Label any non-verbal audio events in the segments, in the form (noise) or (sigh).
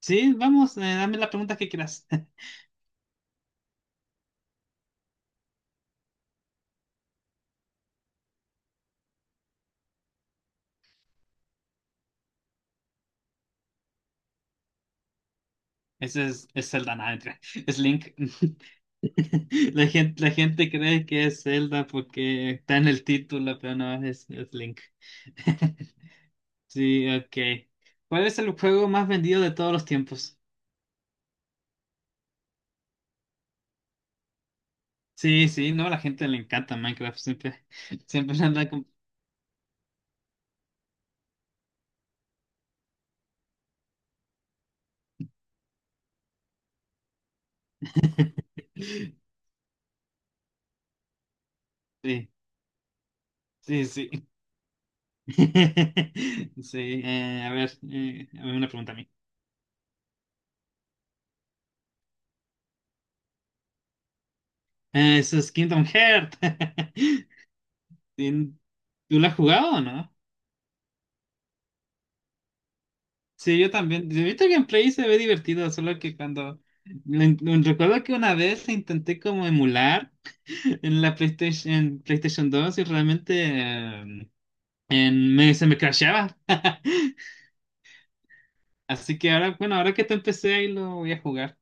Sí, vamos, dame la pregunta que quieras. (laughs) Ese es Zelda, nada, mentira, es Link. (laughs) La gente cree que es Zelda porque está en el título, pero no, es Link. (laughs) Sí, ok. ¿Cuál es el juego más vendido de todos los tiempos? Sí, sí, no, a la gente le encanta Minecraft, siempre, (laughs) siempre anda con. (laughs) Sí, sí, sí. (laughs) Sí, a ver, una pregunta a mí. Eso es Kingdom Hearts. (laughs) ¿Tien- ¿Tú la has jugado o no? Sí, yo también. Yo he visto gameplay y se ve divertido, solo que cuando. Recuerdo que una vez intenté como emular (laughs) en PlayStation 2 y realmente eh, se me crasheaba. (laughs) Así que ahora, bueno, ahora que te empecé ahí lo voy a jugar.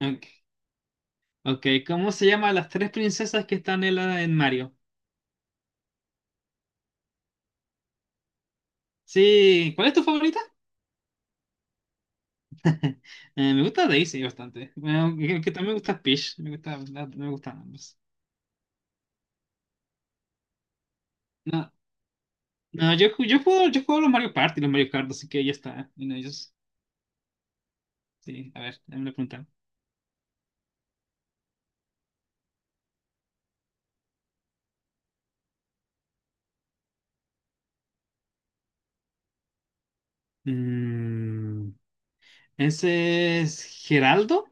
Ok, ok, ¿cómo se llaman las tres princesas que están en Mario? Sí, ¿cuál es tu favorita? (laughs) Me gusta Daisy bastante. Bueno, que también me gusta Peach. Me gustan ambos. No, no, yo juego los Mario Party y los Mario Kart, así que ya está. En ellos, sí, a ver, me lo preguntan. Mm, ¿Ese es Geraldo?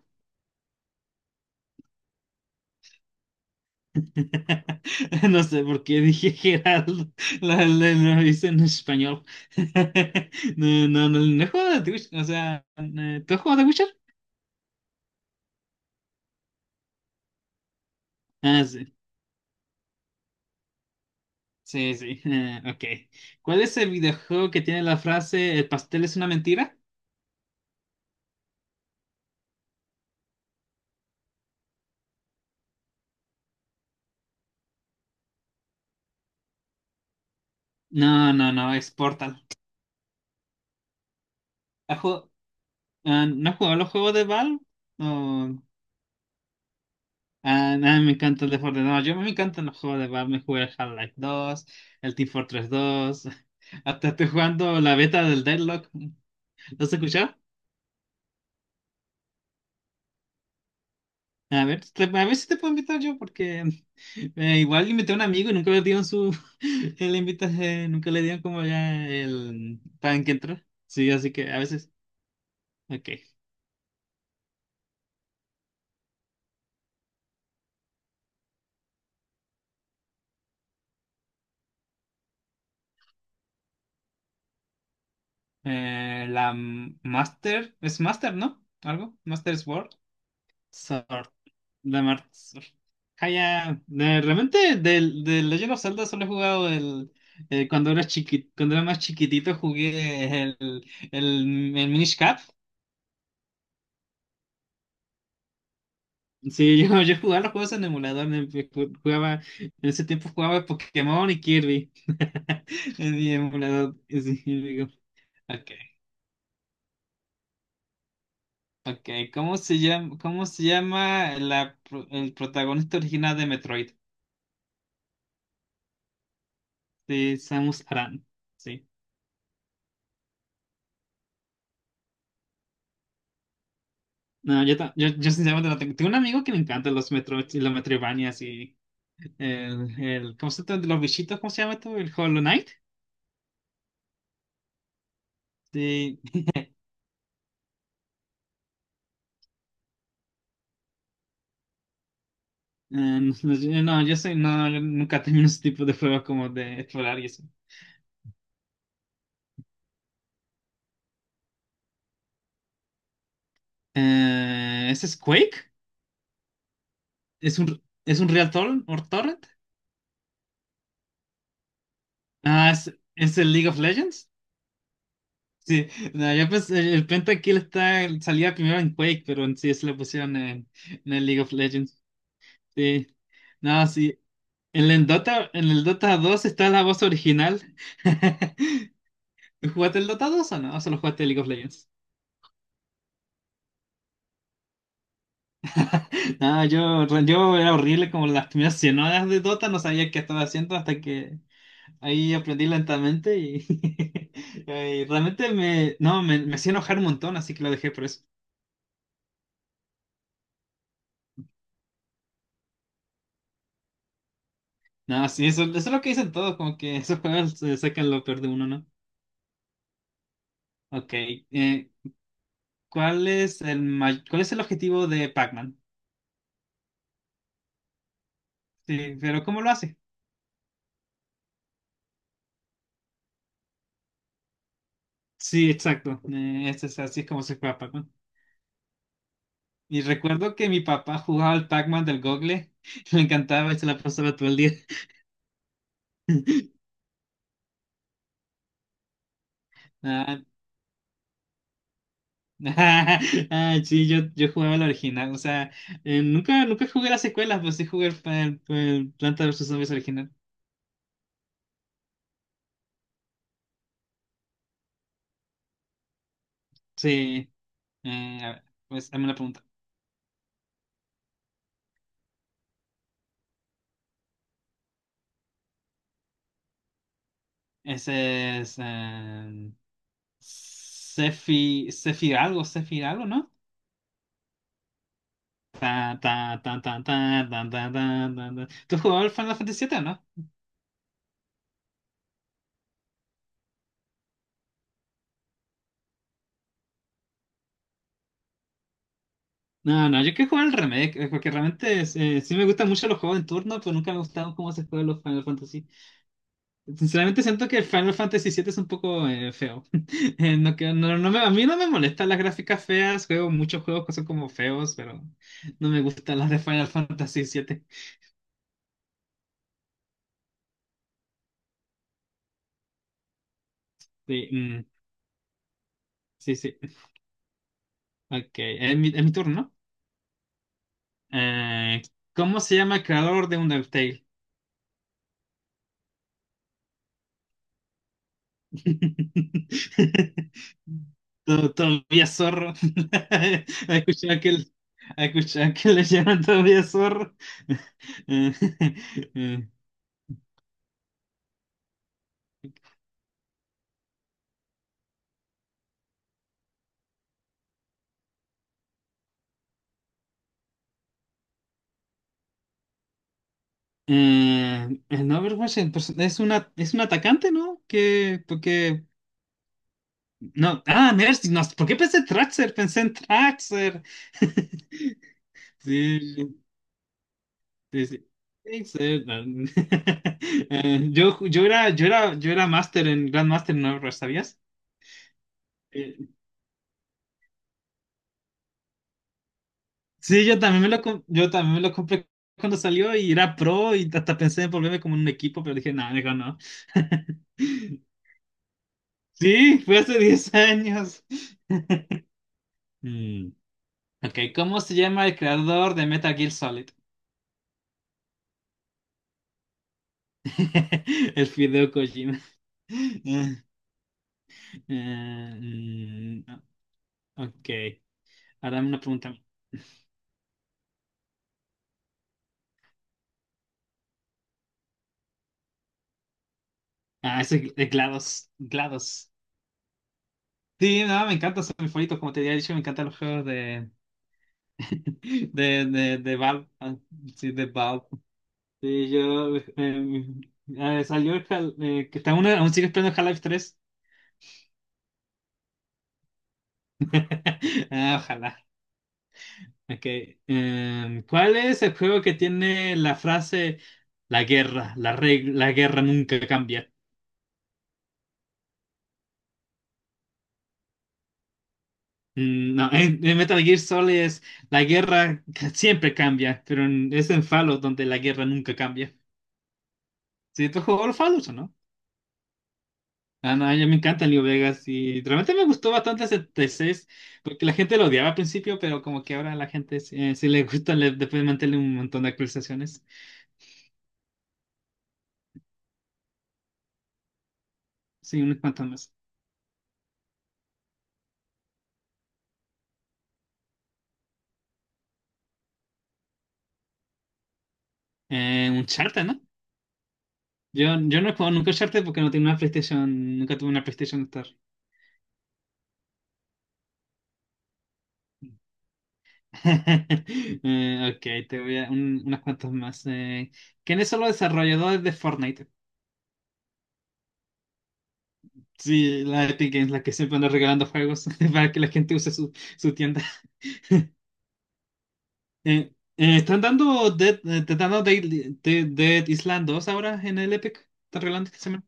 (laughs) No sé por qué dije Geraldo. (laughs) Lo hice en español. (laughs) No, no, no, no he jugado de Witcher. O sea, ¿tú has jugado de Witcher? Ah, sí. Sí, sí. Ok. ¿Cuál es el videojuego que tiene la frase El pastel es una mentira? No, no, no, es Portal. Ah, ¿no has jugado los juegos de Valve? O ah, nada, me encanta el de Fortnite. No, yo me encantan los juegos de Valve. Me jugué el Half-Life 2, el Team Fortress 2. (laughs) Hasta estoy jugando la beta del Deadlock. ¿Lo has escuchado? A ver si te puedo invitar yo, porque (laughs) igual invité a un amigo y nunca le dieron su. (laughs) El invita, nunca le dieron como ya el tan que entró. Sí, así que a veces. Ok. La Master. Es Master, ¿no? ¿Algo? Master Sword. Sword. Sword. Jaya. Realmente del Legend of Zelda solo he jugado el. Cuando era más chiquitito jugué el Minish Cap. Sí, (laughs) yo jugaba los juegos en emulador, en ese tiempo jugaba Pokémon y Kirby. (laughs) En mi emulador. Sí, digo, ok, ok. ¿Cómo se llama el protagonista original de Metroid? De Samus Aran. Sí. No, yo sinceramente no tengo. Tengo un amigo que le encanta los Metro y los Metroidvanias y el ¿cómo se llama? Los bichitos, ¿cómo se llama esto? El Hollow Knight. Sí. eh, no, yo nunca (laughs) termino ese tipo de juegos como de explorar y eso. ¿Ese es Quake? ¿Es un, es un Real Torrent? ¿Or Torrent? Ah, ¿es el League of Legends? Sí, no, yo pensé, el Pentakill salía primero en Quake, pero en sí se lo pusieron en el League of Legends. Sí. No, sí. En el Dota dos está la voz original. (laughs) ¿Jugaste el Dota 2 o no? ¿O solo jugaste League of Legends? No, yo era horrible como las primeras 100 horas de Dota, no sabía qué estaba haciendo hasta que ahí aprendí lentamente y, (laughs) y realmente no, me hacía enojar un montón, así que lo dejé por eso. No, sí, eso es lo que dicen todos, como que esos juegos sacan lo peor de uno, ¿no? Ok, eh, ¿cuál es el objetivo de Pac-Man? Sí, pero ¿cómo lo hace? Sí, exacto. Es así es como se juega Pac-Man. Y recuerdo que mi papá jugaba al Pac-Man del Google. (laughs) Me encantaba y se la pasaba todo el día. Ah, (laughs) ah, sí, yo jugaba el original. O sea, nunca jugué las secuelas, pues sí jugué el Planta vs. Zombies original. Sí. A ver, pues dame una pregunta. Ese es. Sephi, Sephi algo, ¿no? Ta, ta, ta, ta, ta, ta, ta, ta, ta, ta. ¿Tú has jugado al Final Fantasy VII, no? No, no, yo quiero jugar al remake, porque realmente sí me gustan mucho los juegos en turno, pero nunca me gustaron cómo se juegan los Final Fantasy. Sinceramente siento que el Final Fantasy VII es un poco feo. (laughs) No, a mí no me molestan las gráficas feas, juego muchos juegos que son como feos, pero no me gustan las de Final Fantasy VII. Sí, mm, sí, sí. Ok, es mi turno. ¿No? Eh, ¿Cómo se llama el creador de Undertale? (laughs) Todavía zorro. (laughs) ¿Has escuchado que, el- has escuchado que le llaman todavía zorro? (laughs) Eh, eh, el Overwatch en es un atacante, ¿no? Que, porque, no, ah, Mercy, no, ¿por qué pensé en Traxxer? Pensé en Traxxer. (laughs) Sí, sí, sí. Traxxer, no. (laughs) Yo era máster en Grandmaster en Overwatch, ¿sabías? Eh, Sí, yo también me lo compré cuando salió y era pro y hasta pensé en volverme como un equipo, pero dije, no, mejor no. (laughs) Sí, fue hace 10 años. Mm, ok, ¿cómo se llama el creador de Metal Gear Solid? (laughs) El Fideo Kojima. (laughs) Eh, mm, ok, ahora una pregunta. Ah, ese es GLaDOS. GLaDOS. Sí, no, me encanta, soy mi favorito, como te había dicho, me encantan los juegos de Valve, ah, sí, de Valve. Sí, yo salió que está una, aún sigue esperando Half-Life 3. (laughs) Ah, ojalá. Okay. ¿Cuál es el juego que tiene la frase la guerra nunca cambia? No, en Metal Gear Solid es siempre cambia, pero es en Fallout donde la guerra nunca cambia. ¿Sí tú has jugado al Fallout o no? Ah, no, ya me encanta Leo Vegas y realmente me gustó bastante ese 6 porque la gente lo odiaba al principio, pero como que ahora a la gente sí le gusta, le, después mantener un montón de actualizaciones. Sí, unos cuantos más. Un charter, ¿no? Yo no he jugado nunca charter porque no tengo una PlayStation, nunca tuve una PlayStation Store. (laughs) Ok, te voy a unas cuantas más. ¿Quiénes son los desarrolladores de Fortnite? Sí, la Epic Games, la que siempre anda regalando juegos (laughs) para que la gente use su tienda. ¿Te están dando Dead Island 2 ahora en el Epic? ¿Están regalando esta semana?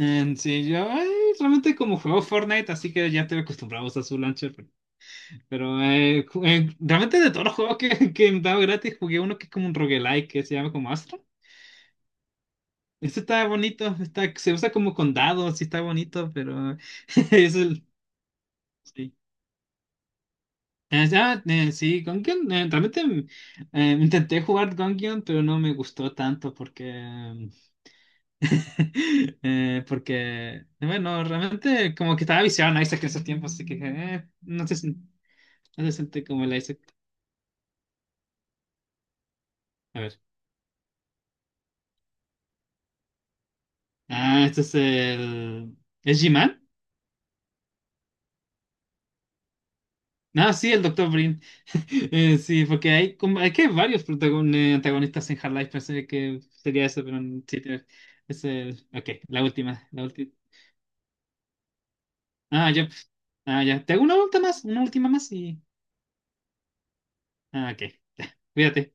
Sí, yo ay, realmente como juego Fortnite, así que ya te acostumbramos a su launcher. Pero realmente de todos los juegos que me han dado gratis, jugué uno que es como un roguelike que se llama como Astra. Este está bonito, está, se usa como con dados, sí está bonito, pero (laughs) es el. Sí. Ya, sí, Gungeon, realmente. Intenté jugar Gungeon, pero no me gustó tanto porque (laughs) porque, bueno, realmente como que estaba viciado en Isaac en esos tiempos, así que no se siente como el Isaac. A ver. Ah, este es el. ¿Es G-Man? No, sí, el doctor Brin. (laughs) Sí, porque hay, como, hay que hay varios antagonistas en Half-Life, pensé que sería eso, pero no, sí, es el. Ok, la última, la última. Ah, ya. Ah, ya. Te hago una última más y. Ah, ok. Cuídate.